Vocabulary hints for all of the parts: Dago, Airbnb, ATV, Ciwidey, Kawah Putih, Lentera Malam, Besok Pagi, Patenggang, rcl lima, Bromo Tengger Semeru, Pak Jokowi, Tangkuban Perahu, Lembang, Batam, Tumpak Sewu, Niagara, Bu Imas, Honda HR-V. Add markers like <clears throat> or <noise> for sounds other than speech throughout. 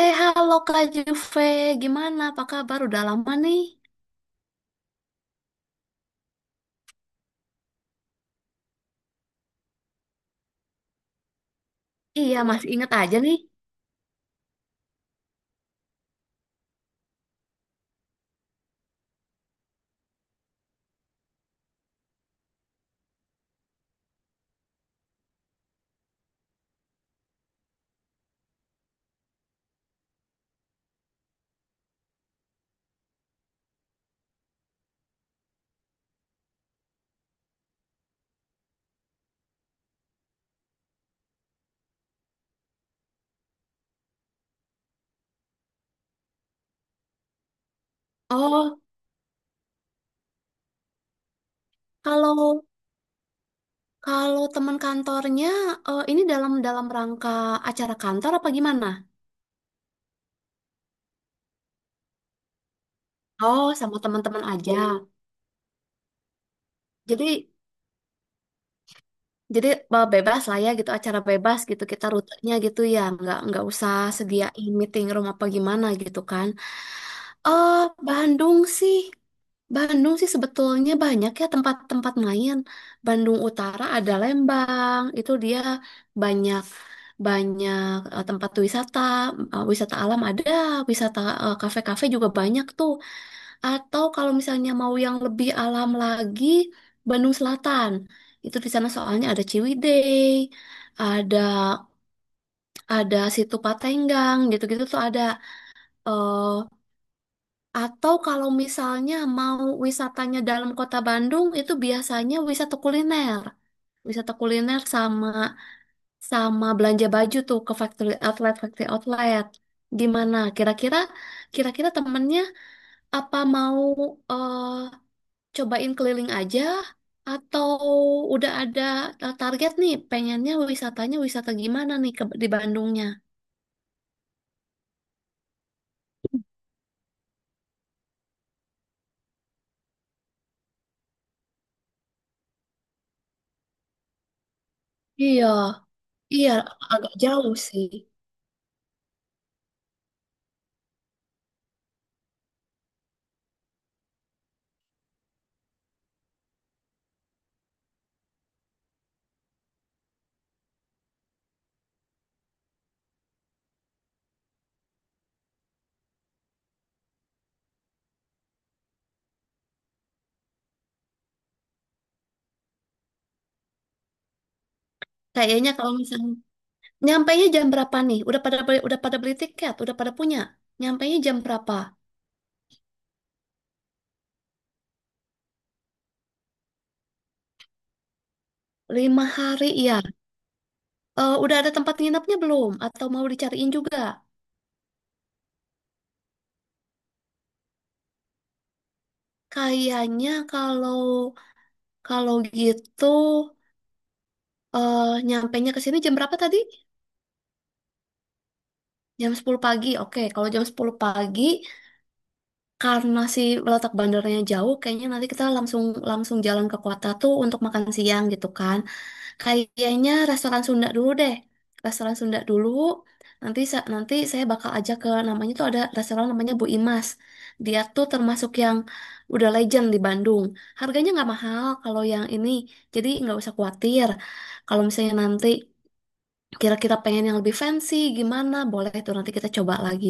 Halo Kak Juve, gimana? Apa kabar? Udah lama nih. Iya, masih inget aja nih. Oh, kalau kalau teman kantornya, ini dalam dalam rangka acara kantor apa gimana? Oh, sama teman-teman aja. Jadi Jadi bebas lah ya gitu, acara bebas gitu, kita rutenya gitu ya, nggak usah sediain meeting room apa gimana gitu kan. Eh Bandung sih, Bandung sih sebetulnya banyak ya tempat-tempat main. Bandung Utara ada Lembang, itu dia banyak banyak eh, tempat wisata. Eh, wisata alam ada, wisata kafe-kafe juga banyak tuh. Atau kalau misalnya mau yang lebih alam lagi, Bandung Selatan. Itu di sana soalnya ada Ciwidey, ada ada situ Patenggang, gitu-gitu tuh ada. eh atau kalau misalnya mau wisatanya dalam kota Bandung, itu biasanya wisata kuliner. Wisata kuliner sama sama belanja baju tuh ke factory outlet, factory outlet. Gimana? Kira-kira temennya apa mau eh, cobain keliling aja atau udah ada target nih pengennya wisatanya wisata gimana nih ke, di Bandungnya? Iya, iya agak jauh sih. Kayaknya kalau misalnya nyampainya jam berapa nih? Udah pada beli tiket, udah pada punya. Nyampainya jam berapa? Lima hari ya. Eh, udah ada tempat nginepnya belum? Atau mau dicariin juga? Kayaknya kalau kalau gitu nyampainya ke sini jam berapa tadi? Jam 10 pagi, oke. Kalau jam 10 pagi, karena si letak bandaranya jauh, kayaknya nanti kita langsung langsung jalan ke kota tuh untuk makan siang gitu kan. Kayaknya restoran Sunda dulu deh. Restoran Sunda dulu. Nanti saya bakal ajak ke namanya tuh ada restoran namanya Bu Imas. Dia tuh termasuk yang udah legend di Bandung. Harganya nggak mahal kalau yang ini, jadi nggak usah khawatir. Kalau misalnya nanti kira-kira pengen yang lebih fancy gimana boleh tuh nanti kita coba lagi.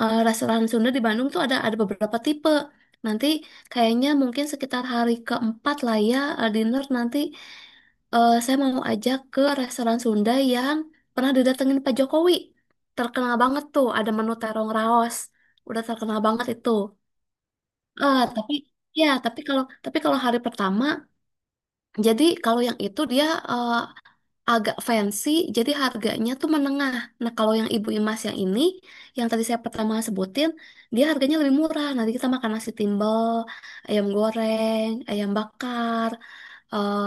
Eh, restoran Sunda di Bandung tuh ada beberapa tipe, nanti kayaknya mungkin sekitar hari keempat lah ya dinner nanti, saya mau ajak ke restoran Sunda yang pernah didatengin Pak Jokowi, terkenal banget tuh ada menu terong raos, udah terkenal banget itu. Eh tapi ya tapi kalau tapi kalau hari pertama, jadi kalau yang itu dia eh, agak fancy, jadi harganya tuh menengah. Nah, kalau yang Ibu Imas yang ini, yang tadi saya pertama sebutin, dia harganya lebih murah. Nanti kita makan nasi timbel, ayam goreng, ayam bakar, eh,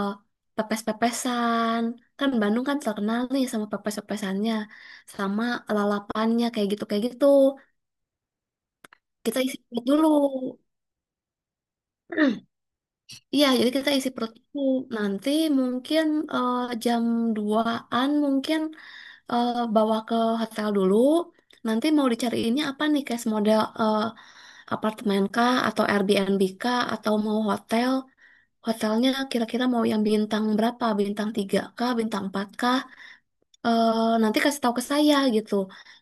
pepes-pepesan. Kan Bandung kan terkenal nih sama pepes-pepesannya, sama lalapannya kayak gitu kayak gitu. Kita isi perut dulu. <clears throat> Iya, jadi kita isi perut dulu. Nanti mungkin eh, jam duaan mungkin bawa ke hotel dulu. Nanti mau dicariinnya apa nih, case model apartemen kah atau Airbnb kah atau mau hotel? Hotelnya kira-kira mau yang bintang berapa? Bintang 3 kah, bintang 4 kah? Nanti kasih tahu ke saya gitu.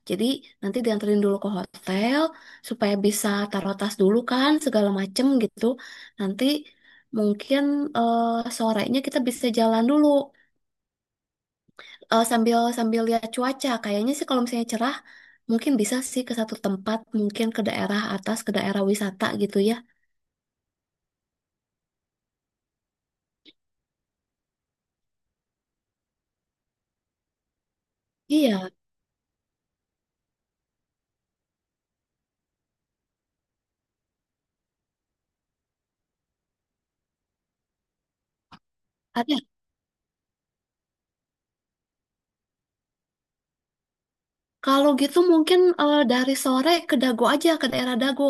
Jadi nanti dianterin dulu ke hotel supaya bisa taruh tas dulu kan segala macem gitu. Nanti mungkin sorenya kita bisa jalan dulu, sambil sambil lihat cuaca. Kayaknya sih kalau misalnya cerah, mungkin bisa sih ke satu tempat, mungkin ke daerah atas, ke daerah wisata gitu ya. Iya, ada. Kalau gitu mungkin dari sore ke Dago aja ke daerah Dago.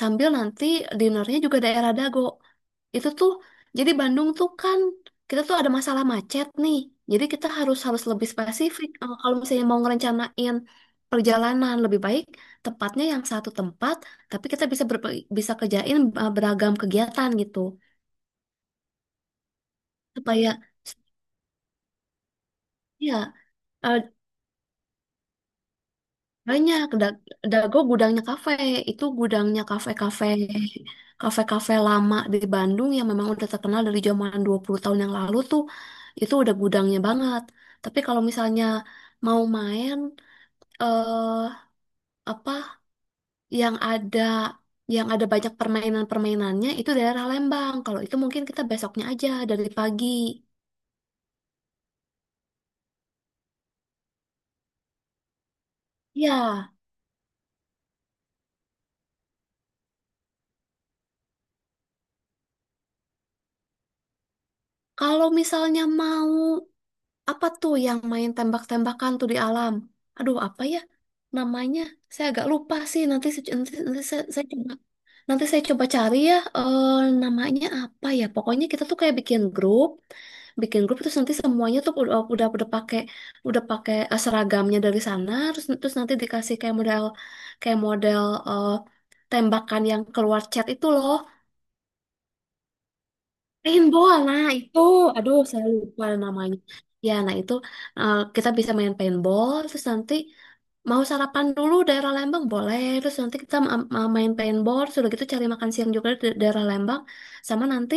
Sambil nanti dinernya juga daerah Dago. Itu tuh jadi Bandung tuh kan kita tuh ada masalah macet nih. Jadi kita harus harus lebih spesifik. Eh, kalau misalnya mau ngerencanain perjalanan lebih baik tepatnya yang satu tempat, tapi kita bisa kerjain beragam kegiatan gitu. Supaya ya banyak, Dago gudangnya kafe. Itu gudangnya kafe-kafe lama di Bandung yang memang udah terkenal dari zaman 20 tahun yang lalu tuh. Itu udah gudangnya banget. Tapi kalau misalnya mau main eh apa yang ada, yang ada banyak permainan-permainannya itu daerah Lembang. Kalau itu mungkin kita besoknya aja dari pagi. Ya, kalau misalnya mau apa tuh yang main tembak-tembakan tuh di alam? Aduh, apa ya namanya? Saya agak lupa sih. Nanti se- nanti, nanti saya coba, nanti saya coba cari ya namanya apa ya. Pokoknya kita tuh kayak bikin grup terus nanti semuanya tuh udah pakai, udah pakai seragamnya dari sana. Terus terus nanti dikasih kayak model, kayak model eh, tembakan yang keluar chat itu loh. Main bola nah, itu, aduh saya lupa namanya. Ya, nah itu kita bisa main paintball, terus nanti mau sarapan dulu daerah Lembang boleh, terus nanti main paintball, sudah gitu cari makan siang juga di daerah Lembang, sama nanti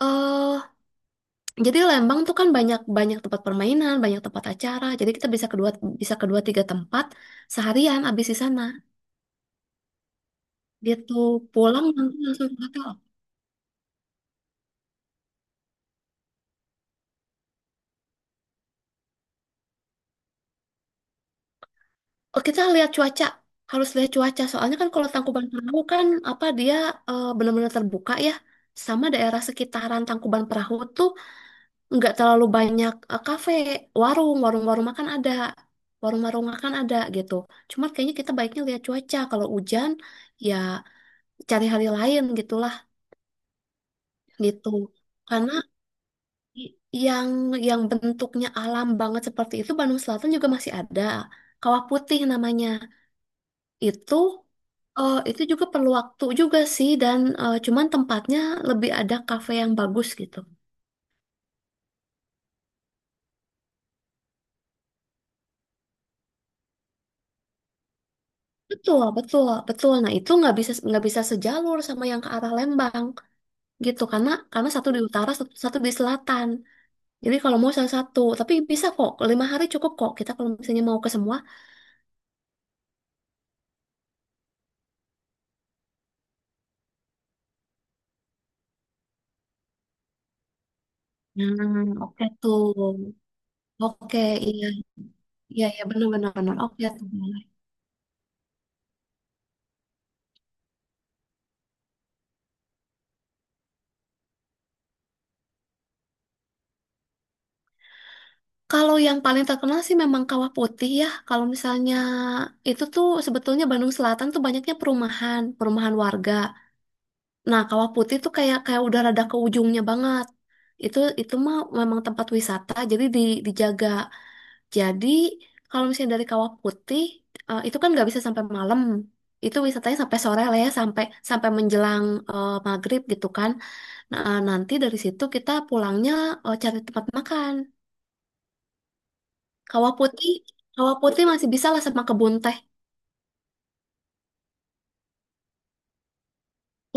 eh jadi Lembang tuh kan banyak banyak tempat permainan, banyak tempat acara, jadi kita bisa kedua tiga tempat seharian abis di sana. Dia tuh pulang nanti langsung ke hotel. Oh, kita lihat cuaca, harus lihat cuaca. Soalnya kan kalau Tangkuban Perahu kan apa dia benar-benar terbuka ya. Sama daerah sekitaran Tangkuban Perahu tuh nggak terlalu banyak kafe, warung, warung-warung makan ada, warung-warung makan ada gitu. Cuma kayaknya kita baiknya lihat cuaca. Kalau hujan ya cari hari lain gitulah gitu. Karena i- yang bentuknya alam banget seperti itu Bandung Selatan juga masih ada. Kawah Putih namanya. Itu itu juga perlu waktu juga sih dan cuman tempatnya lebih ada kafe yang bagus gitu. Betul, betul, betul. Nah, itu nggak bisa sejalur sama yang ke arah Lembang gitu karena satu di utara, satu di selatan. Jadi kalau mau salah satu, tapi bisa kok. Lima hari cukup kok. Kita kalau misalnya mau ke semua. Nah, oke tuh. Oke, iya, iya, iya, benar-benar, benar, benar, benar. Oke tuh. Kalau yang paling terkenal sih memang Kawah Putih ya. Kalau misalnya itu tuh sebetulnya Bandung Selatan tuh banyaknya perumahan, perumahan warga. Nah, Kawah Putih tuh kayak kayak udah rada ke ujungnya banget. Itu mah memang tempat wisata, jadi di, dijaga. Jadi kalau misalnya dari Kawah Putih itu kan nggak bisa sampai malam. Itu wisatanya sampai sore lah ya, sampai sampai menjelang maghrib gitu kan. Nah, nanti dari situ kita pulangnya cari tempat makan. Kawah putih, kawah putih masih bisa lah sama kebun teh.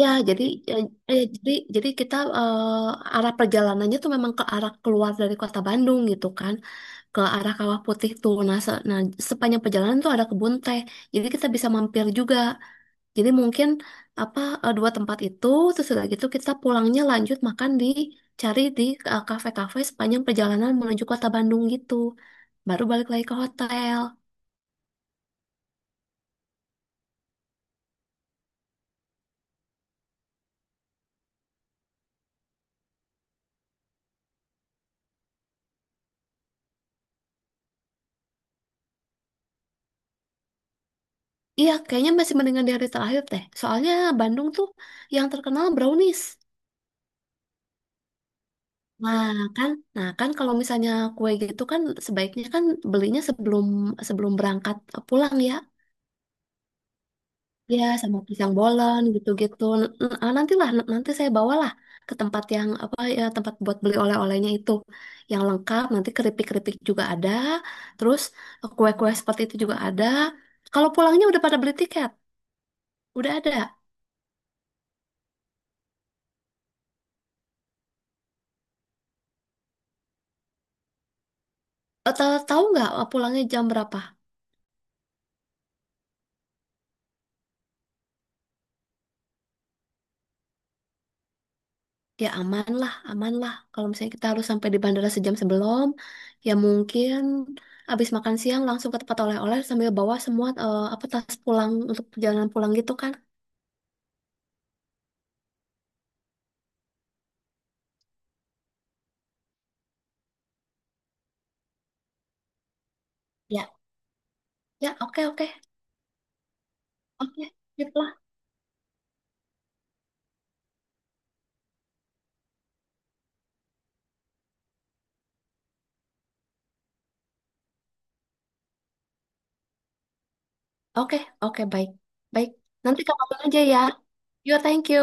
Ya, jadi ya, jadi kita arah perjalanannya tuh memang ke arah keluar dari kota Bandung gitu kan, ke arah Kawah Putih tuh. Nah, sepanjang perjalanan tuh ada kebun teh. Jadi kita bisa mampir juga. Jadi mungkin apa, dua tempat itu, terus udah gitu kita pulangnya lanjut makan cari di kafe-kafe sepanjang perjalanan menuju kota Bandung gitu. Baru balik lagi ke hotel. Iya, kayaknya masih mendingan dari terakhir teh. Soalnya Bandung tuh yang terkenal brownies. Nah kan, nah kan, kalau misalnya kue gitu kan sebaiknya kan belinya sebelum sebelum berangkat pulang ya. Ya sama pisang bolen gitu-gitu. Nanti saya bawalah ke tempat yang apa ya, tempat buat beli oleh-olehnya itu yang lengkap. Nanti keripik-keripik juga ada. Terus kue-kue seperti itu juga ada. Kalau pulangnya udah pada beli tiket, udah ada. Tahu nggak pulangnya jam berapa? Ya aman lah, aman lah. Kalau misalnya kita harus sampai di bandara sejam sebelum, ya mungkin abis makan siang langsung ke tempat oleh-oleh sambil bawa semua eh, apa tas pulang untuk perjalanan pulang gitu kan? Ya, ya oke oke oke, sip lah. Oke oke baik baik. Nanti kabarin aja ya. Yo thank you.